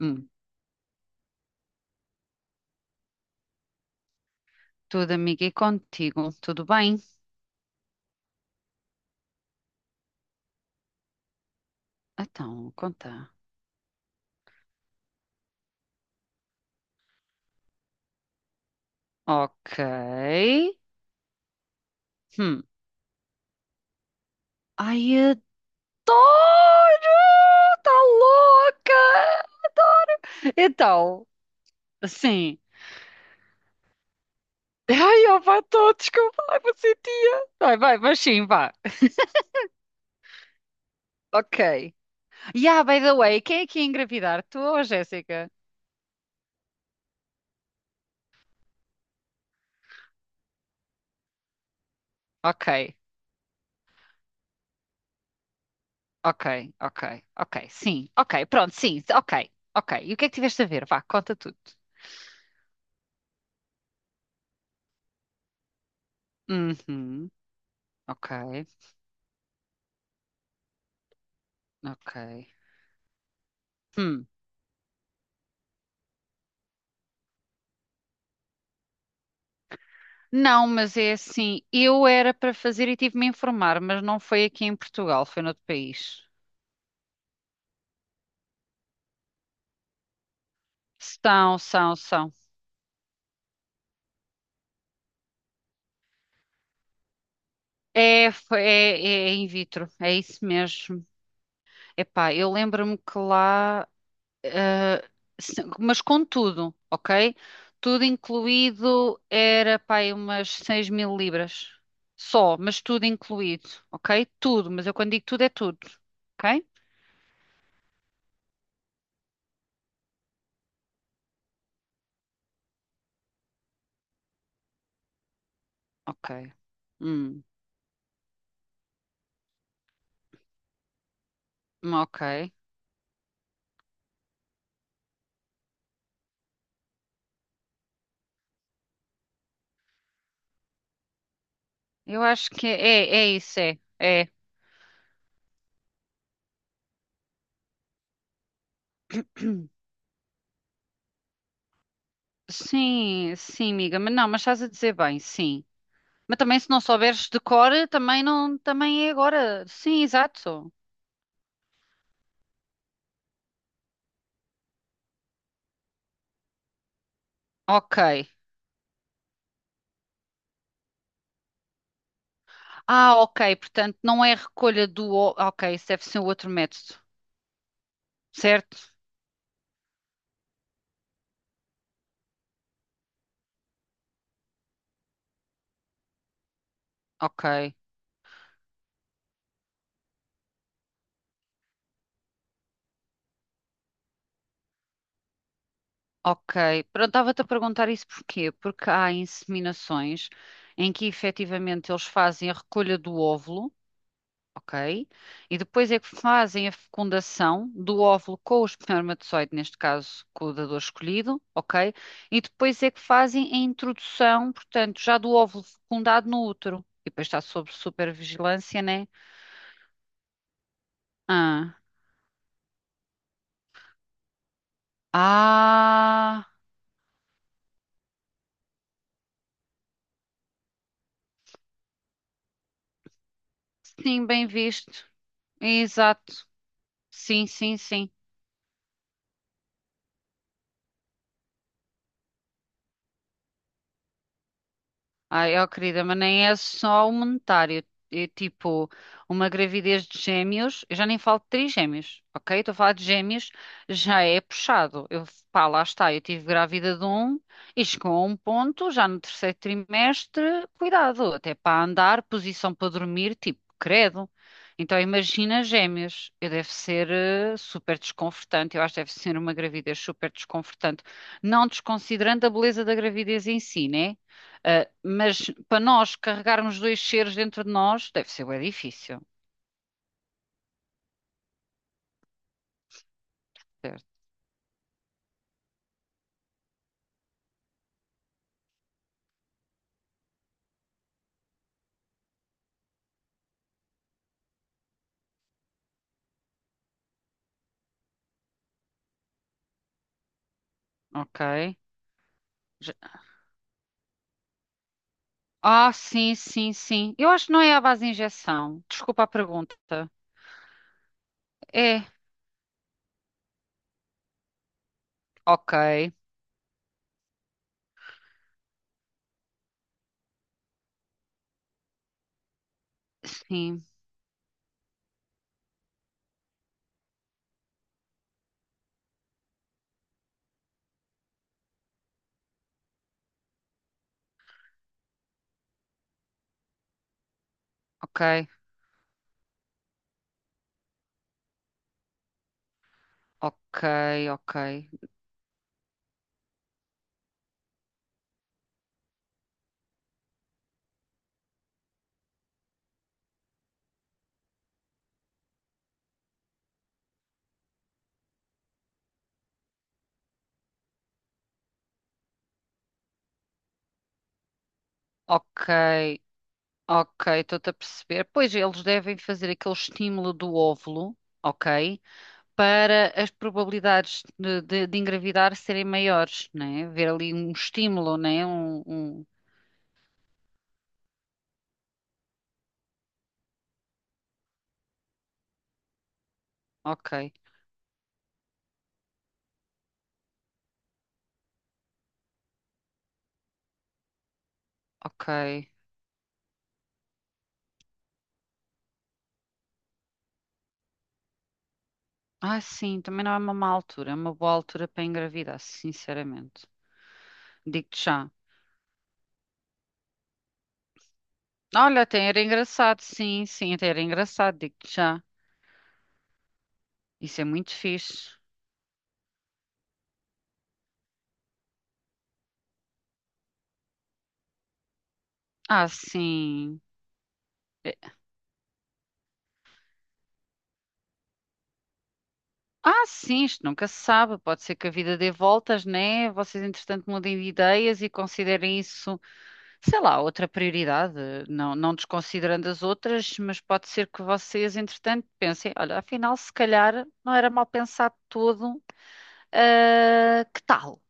Hum, tudo, amiga, e contigo, tudo bem? Então, conta. Ok. Hum. Ai, adoro! Tá louca! Adoro! Então, sim. Ai, ó, vá, tô, desculpa, ai, vou ser tia. Vai, vai, mas sim, vá. Ok. Yeah, by the way, quem é que ia engravidar? Tu ou a Jéssica? Ok, ok, ok, ok, sim, ok, pronto, sim, ok, ok. E o que é que tiveste a ver? Vá, conta tudo. Uhum. Ok, ok. Hum. Não, mas é assim, eu era para fazer e tive-me a informar, mas não foi aqui em Portugal, foi noutro país. São, são, são. É, é in vitro, é isso mesmo. Epá, eu lembro-me que lá, eh, mas com tudo, ok? Tudo incluído era, pá, aí umas 6000 libras. Só, mas tudo incluído, ok? Tudo, mas eu quando digo tudo é tudo, ok? Ok. Hum, ok. Eu acho que é isso, é. Sim, sim, amiga, mas não, mas estás a dizer bem, sim. Mas também se não souberes de cor, também não, também é agora. Sim, exato. Ok. Ah, ok, portanto não é recolha do. Ok, isso deve ser o outro método, certo? Ok, ok. Pronto, estava-te a perguntar isso porquê? Porque há inseminações em que efetivamente eles fazem a recolha do óvulo, ok? E depois é que fazem a fecundação do óvulo com o espermatozoide, neste caso com o dador escolhido, ok? E depois é que fazem a introdução, portanto, já do óvulo fecundado no útero. E depois está sob supervigilância, né? Ah, ah, sim, bem visto. Exato. Sim, sim, sim. Ai, ó querida, mas nem é só o monetário. É tipo, uma gravidez de gêmeos, eu já nem falo de trigêmeos, ok? Estou a falar de gêmeos, já é puxado. Eu, pá, lá está, eu tive grávida de um e chegou a um ponto, já no terceiro trimestre, cuidado, até para andar, posição para dormir, tipo, credo. Então imagina gêmeos, eu deve ser super desconfortante, eu acho que deve ser uma gravidez super desconfortante, não desconsiderando a beleza da gravidez em si, né? Ah, mas para nós carregarmos dois seres dentro de nós, deve ser bem difícil. Certo. Ok. Já- Ah, sim, sim, sim. Eu acho que não é à base de injeção. Desculpa a pergunta. É. Ok. Sim. Ok. Ok, ok. Ok. Ok, estou-te a perceber. Pois eles devem fazer aquele estímulo do óvulo, ok? Para as probabilidades de engravidar serem maiores, né? Ver ali um estímulo, né? Ok, ok. Ah, sim, também não é uma má altura, é uma boa altura para engravidar, sinceramente. Digo-te já. Olha, até era engraçado, sim, sim, até era engraçado, digo-te já. Isso é muito fixe. Ah, sim. É- Ah, sim, isto nunca se sabe. Pode ser que a vida dê voltas, né? Vocês, entretanto, mudem de ideias e considerem isso, sei lá, outra prioridade. Não, não desconsiderando as outras, mas pode ser que vocês, entretanto, pensem: olha, afinal, se calhar não era mal pensado todo. Ah, que tal?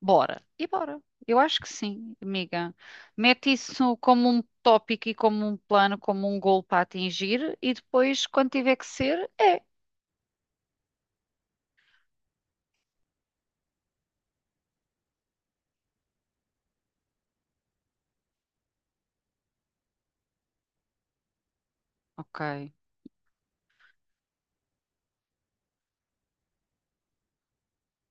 Bora. E bora. Eu acho que sim, amiga. Mete isso como um tópico e como um plano, como um gol para atingir, e depois, quando tiver que ser, é. Ok.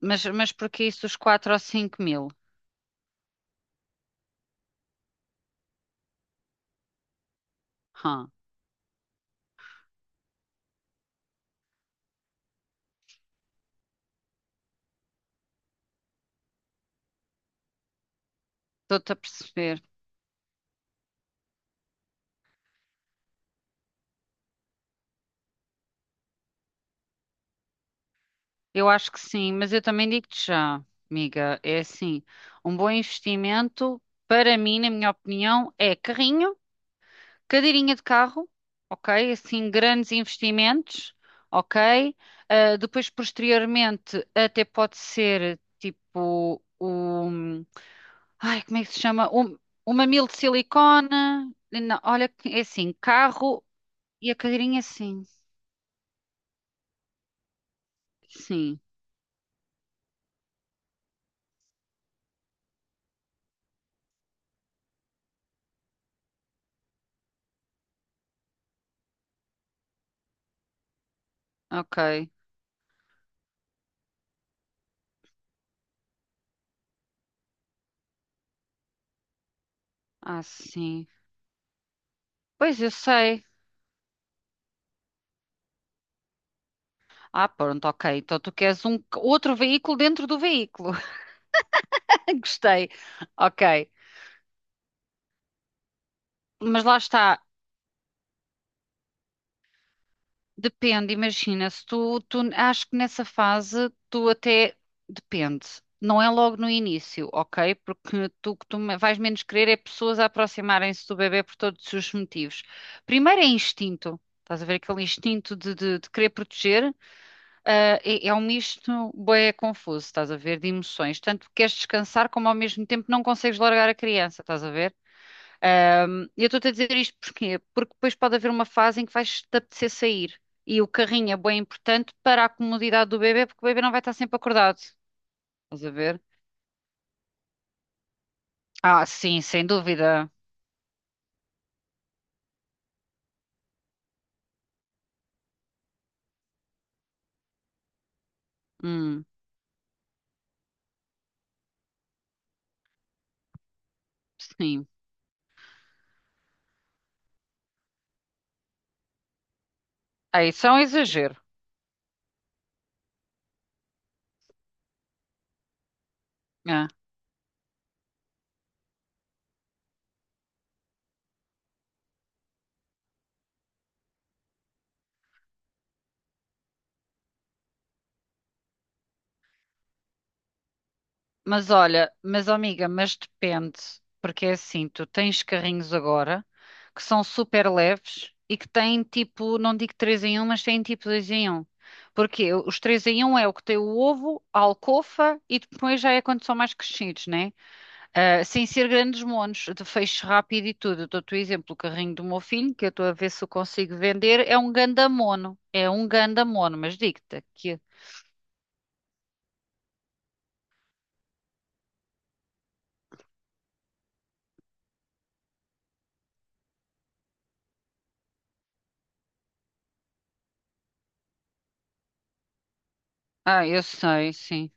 Mas porquê isso dos 4 ou 5 mil? Hã, Estou-te a perceber. Eu acho que sim, mas eu também digo-te já, amiga. É assim, um bom investimento, para mim, na minha opinião, é carrinho. Cadeirinha de carro, ok? Assim, grandes investimentos, ok? Ah, depois, posteriormente, até pode ser tipo o. Ai, como é que se chama? Um mamilo de silicone. Não, olha, que é assim: carro e a cadeirinha, sim. Sim, ok. Ah, sim. Pois eu sei. Ah, pronto, ok. Então tu queres um outro veículo dentro do veículo. Gostei. Ok. Mas lá está. Depende, imagina, se tu acho que nessa fase tu até depende. Não é logo no início, ok? Porque tu o que vais menos querer é pessoas a aproximarem-se do bebê por todos os motivos. Primeiro é instinto. Estás a ver aquele instinto de querer proteger? Ah, é um misto bué confuso, estás a ver, de emoções. Tanto queres descansar como ao mesmo tempo não consegues largar a criança, estás a ver? E eu estou-te a dizer isto porquê? Porque depois pode haver uma fase em que vais-te apetecer sair. E o carrinho é bem importante para a comodidade do bebê, porque o bebê não vai estar sempre acordado. Estás a ver? Ah, sim, sem dúvida. Hum, sim. Ah, isso é um exagero. Ah. Mas olha, mas ó, amiga, mas depende, porque é assim, tu tens carrinhos agora que são super leves e que têm tipo, não digo 3 em 1, mas têm tipo 2 em 1. Porque os 3 em 1 é o que tem o ovo, a alcofa e depois já é quando são mais crescidos, né? Ah, sem ser grandes monos, de feixe rápido e tudo. Eu dou-te o exemplo, o carrinho do meu filho, que eu estou a ver se eu consigo vender, é um ganda mono. É um ganda mono, mas digo-te que. Ah, eu sei, sim.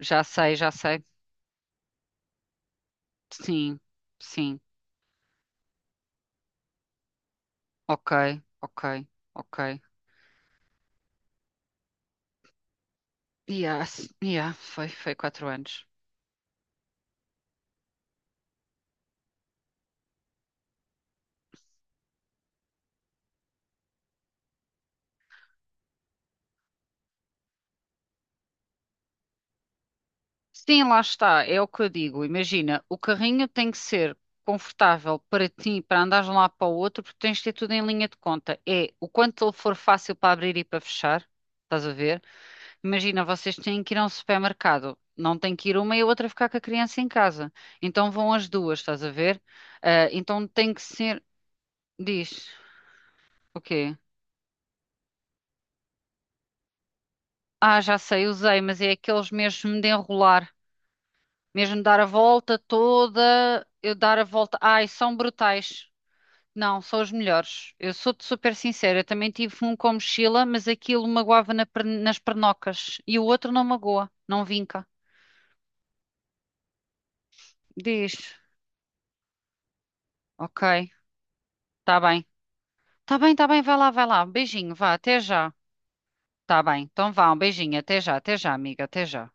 Já sei, já sei. Sim, sim. Ok, ok, ok. Yeah, foi 4 anos. Sim, lá está, é o que eu digo. Imagina, o carrinho tem que ser confortável para ti, para andares de um lado para o outro, porque tens de ter tudo em linha de conta. É o quanto ele for fácil para abrir e para fechar, estás a ver? Imagina, vocês têm que ir a um supermercado. Não tem que ir uma e a outra ficar com a criança em casa. Então vão as duas, estás a ver? Ah, então tem que ser. Diz, o quê? Ah, já sei, usei, mas é aqueles mesmo de enrolar, mesmo dar a volta toda, eu dar a volta. Ai, são brutais. Não, são os melhores. Eu sou-te super sincera, eu também tive um com mochila, mas aquilo magoava na nas pernocas e o outro não magoa, não vinca. Diz, ok, tá bem. Tá bem, tá bem, vai lá, vai lá. Um beijinho, vá, até já. Tá bem, então vá, um beijinho, até já, amiga, até já.